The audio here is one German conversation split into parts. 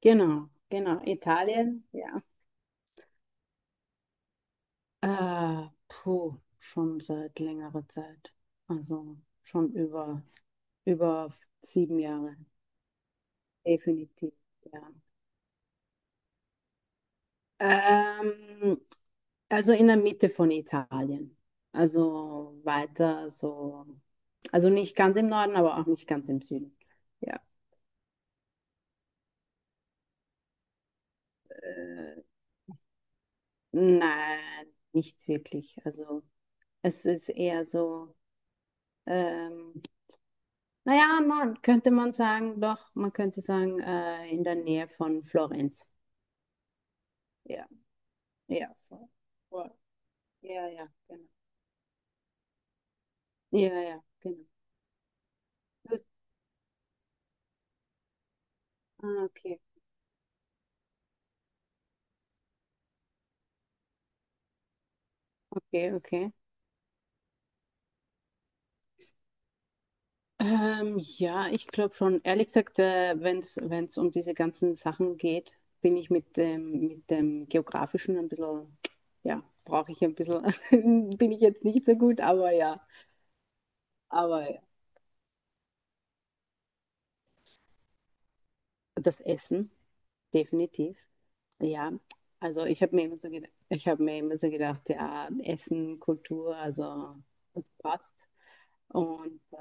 Genau, genau. Italien, ja. Puh, schon seit längerer Zeit. Also schon über 7 Jahre. Definitiv, ja. Ähm, also in der Mitte von Italien. Also weiter so. Also nicht ganz im Norden, aber auch nicht ganz im Süden. Ja. Äh, nein, nicht wirklich. Also es ist eher so. ähm, Naja, man könnte man sagen, doch, man könnte sagen, in der Nähe von Florenz. Ja, ja, voll, voll. Ja, ja, genau. Ja, ja, genau. Gut, ah, okay, okay, okay. Ja, ich glaube schon, ehrlich gesagt, wenn es um diese ganzen Sachen geht, bin ich mit dem Geografischen ein bisschen, ja, brauche ich ein bisschen, bin ich jetzt nicht so gut, aber ja, aber ja. Das Essen. Definitiv. Ja, also ich habe mir immer so gedacht, ja, Essen, Kultur, also das passt. Und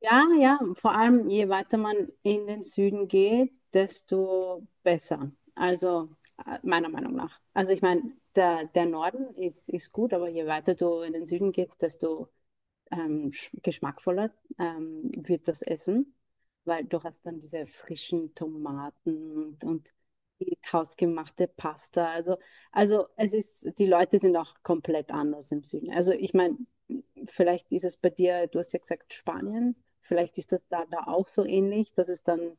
ja, ja, vor allem je weiter man in den Süden geht, desto besser. Also meiner Meinung nach. Also ich meine, der Norden ist gut, aber je weiter du in den Süden gehst, desto ähm, geschmackvoller wird das Essen, weil du hast dann diese frischen Tomaten und die hausgemachte Pasta. Also, es ist, die Leute sind auch komplett anders im Süden. Also ich meine, vielleicht ist es bei dir, du hast ja gesagt Spanien, vielleicht ist das da auch so ähnlich, dass es dann,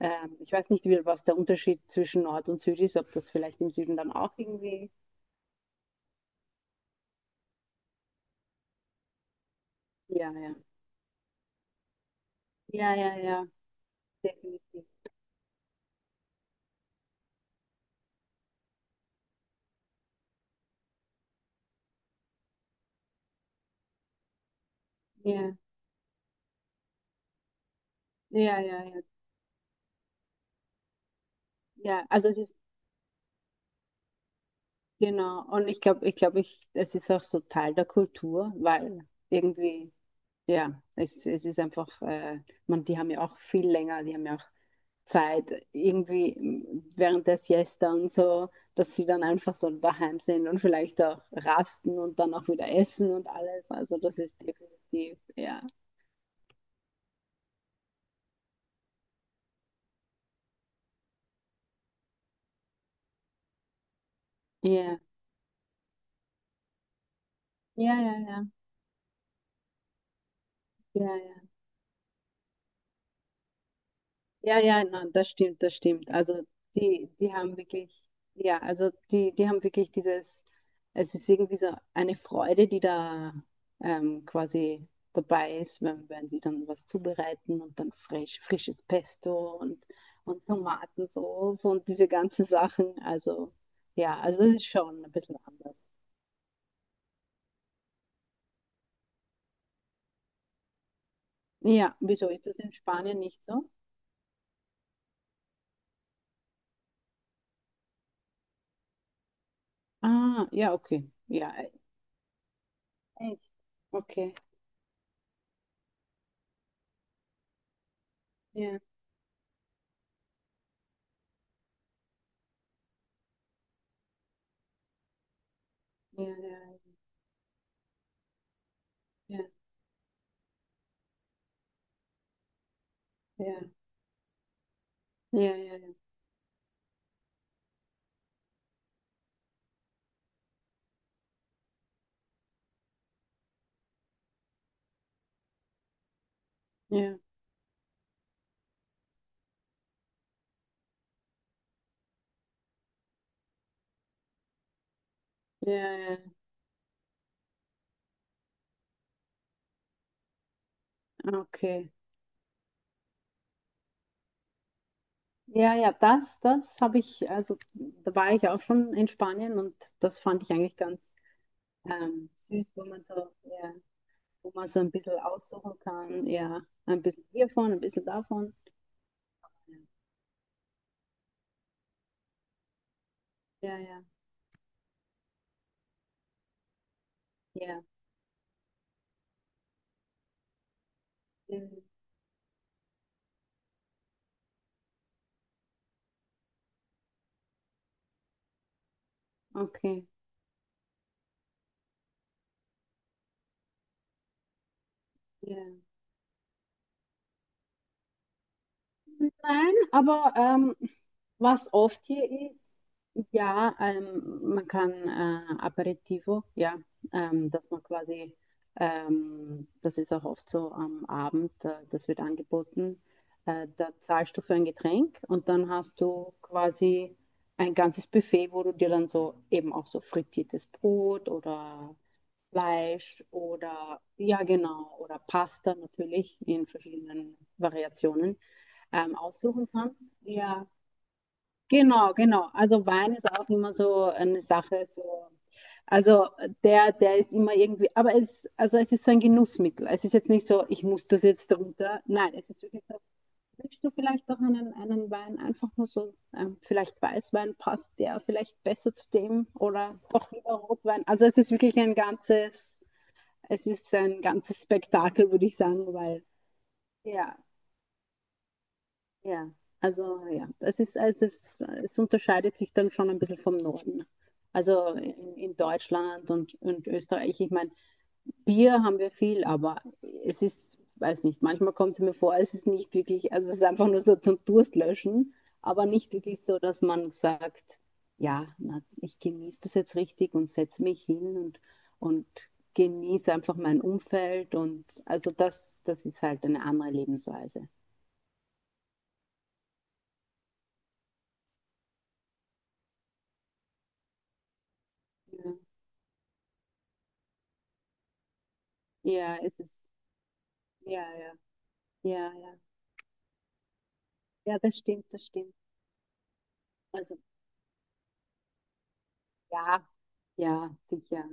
ich weiß nicht, wie, was der Unterschied zwischen Nord und Süd ist, ob das vielleicht im Süden dann auch irgendwie, ja, ja, ja, ja, ja, definitiv. Ja, ja, ja, ja. Ja, also es ist genau. Und ich glaube, es ist auch so Teil der Kultur, weil irgendwie, ja, es ist einfach, man, die haben ja auch viel länger, die haben ja auch Zeit, irgendwie während der Siesta und so, dass sie dann einfach so daheim sind und vielleicht auch rasten und dann auch wieder essen und alles. Also das ist definitiv, ja. Ja, ja, ja, ja, ja, ja. Ja, ja, na, das stimmt, das stimmt. Also die haben wirklich, ja, also die haben wirklich dieses, es ist irgendwie so eine Freude, die da quasi dabei ist, wenn sie dann was zubereiten und dann frisches Pesto und Tomatensauce und diese ganzen Sachen. Also ja, also das ist schon ein bisschen anders. Ja, wieso ist das in Spanien nicht so? Ah, ja, okay. Ja, echt. Okay. Ja, ja, ja, ja, ja. Ja, ja, ja, ja, ja, ja, ja, okay. Ja, ja, das habe ich, also da war ich auch schon in Spanien und das fand ich eigentlich ganz süß, wo man so, ja, wo man so ein bisschen aussuchen kann, ja, ein bisschen hiervon, ein bisschen davon. Ja, ja, ja, ja, ja, okay, ja. Nein, aber was oft hier ist, ja, man kann Aperitivo, ja, dass man quasi, das ist auch oft so am Abend, das wird angeboten, da zahlst du für ein Getränk und dann hast du quasi ein ganzes Buffet, wo du dir dann so eben auch so frittiertes Brot oder Fleisch oder, ja genau, oder Pasta natürlich in verschiedenen Variationen aussuchen kannst. Ja, genau, genau. Also Wein ist auch immer so eine Sache, so. Also der ist immer irgendwie, aber es, also es ist so ein Genussmittel. Es ist jetzt nicht so, ich muss das jetzt darunter. Nein, es ist wirklich so, willst du vielleicht auch einen Wein einfach nur so, vielleicht Weißwein passt der vielleicht besser zu dem oder doch lieber Rotwein. Also es ist wirklich ein ganzes, es ist ein ganzes Spektakel, würde ich sagen, weil ja, ja, also ja, es ist, es unterscheidet sich dann schon ein bisschen vom Norden. Also in Deutschland und Österreich, ich meine, Bier haben wir viel, aber es ist, weiß nicht, manchmal kommt es mir vor, es ist nicht wirklich, also es ist einfach nur so zum Durstlöschen, aber nicht wirklich so, dass man sagt, ja, na, ich genieße das jetzt richtig und setze mich hin und genieße einfach mein Umfeld und also das ist halt eine andere Lebensweise. Ja, ja es ist. Ja, ja, ja, ja. Ja, das stimmt, das stimmt. Also ja, ja, sicher.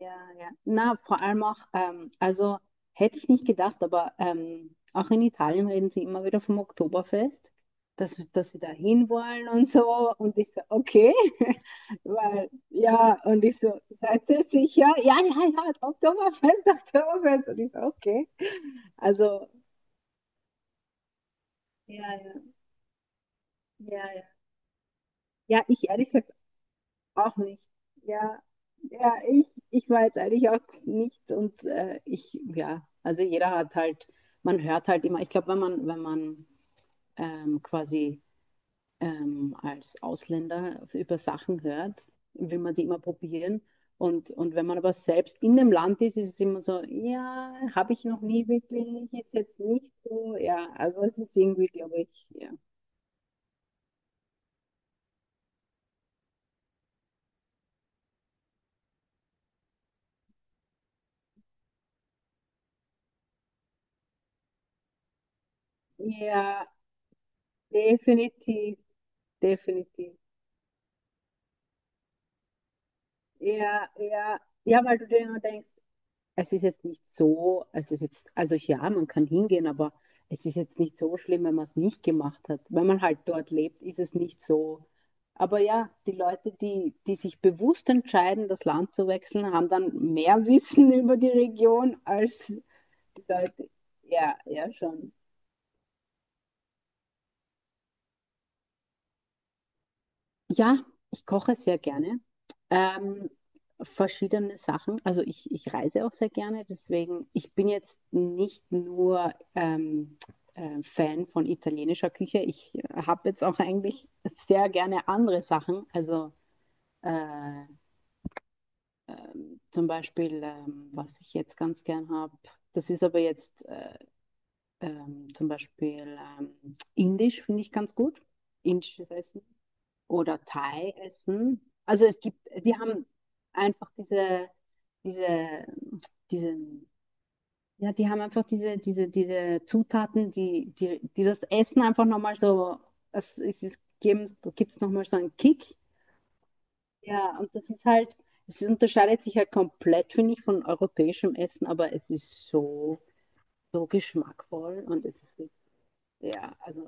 Ja, ja. Na, vor allem auch, also hätte ich nicht gedacht, aber auch in Italien reden sie immer wieder vom Oktoberfest, dass sie da hinwollen und so. Und ich so, okay, weil, ja, und ich so, seid ihr sicher? Ja, ja, ja, Oktoberfest, Oktoberfest. Und ich so, okay. Also, ja, ja, ja, ja. Ja, ich ehrlich gesagt auch nicht. Ja, ja, ich war jetzt eigentlich auch nicht und ich, ja, also jeder hat halt, man hört halt immer, ich glaube, wenn man quasi als Ausländer über Sachen hört, will man sie immer probieren. Und wenn man aber selbst in dem Land ist, ist es immer so, ja, habe ich noch nie wirklich, ist jetzt nicht so, ja, also es ist irgendwie, glaube ich, ja. Ja, definitiv, definitiv. Ja, ja, ja, weil du dir immer denkst, es ist jetzt nicht so, es ist jetzt, also ja, man kann hingehen, aber es ist jetzt nicht so schlimm, wenn man es nicht gemacht hat. Wenn man halt dort lebt, ist es nicht so. Aber ja, die Leute, die, die sich bewusst entscheiden, das Land zu wechseln, haben dann mehr Wissen über die Region als die Leute. Ja, ja, schon. Ja, ich koche sehr gerne. Ähm, Verschiedene Sachen. Also ich reise auch sehr gerne, deswegen, ich bin jetzt nicht nur Fan von italienischer Küche. Ich habe jetzt auch eigentlich sehr gerne andere Sachen. Also äh, zum Beispiel, was ich jetzt ganz gern habe, das ist aber jetzt zum Beispiel indisch, finde ich ganz gut. Indisches Essen oder Thai essen. Also es gibt, die haben einfach diese, diesen, ja, die haben einfach diese Zutaten, die das Essen einfach nochmal so, da gibt es nochmal so einen Kick. Ja, und das ist halt, es ist, unterscheidet sich halt komplett, finde ich, von europäischem Essen, aber es ist so, so geschmackvoll und es ist, ja, also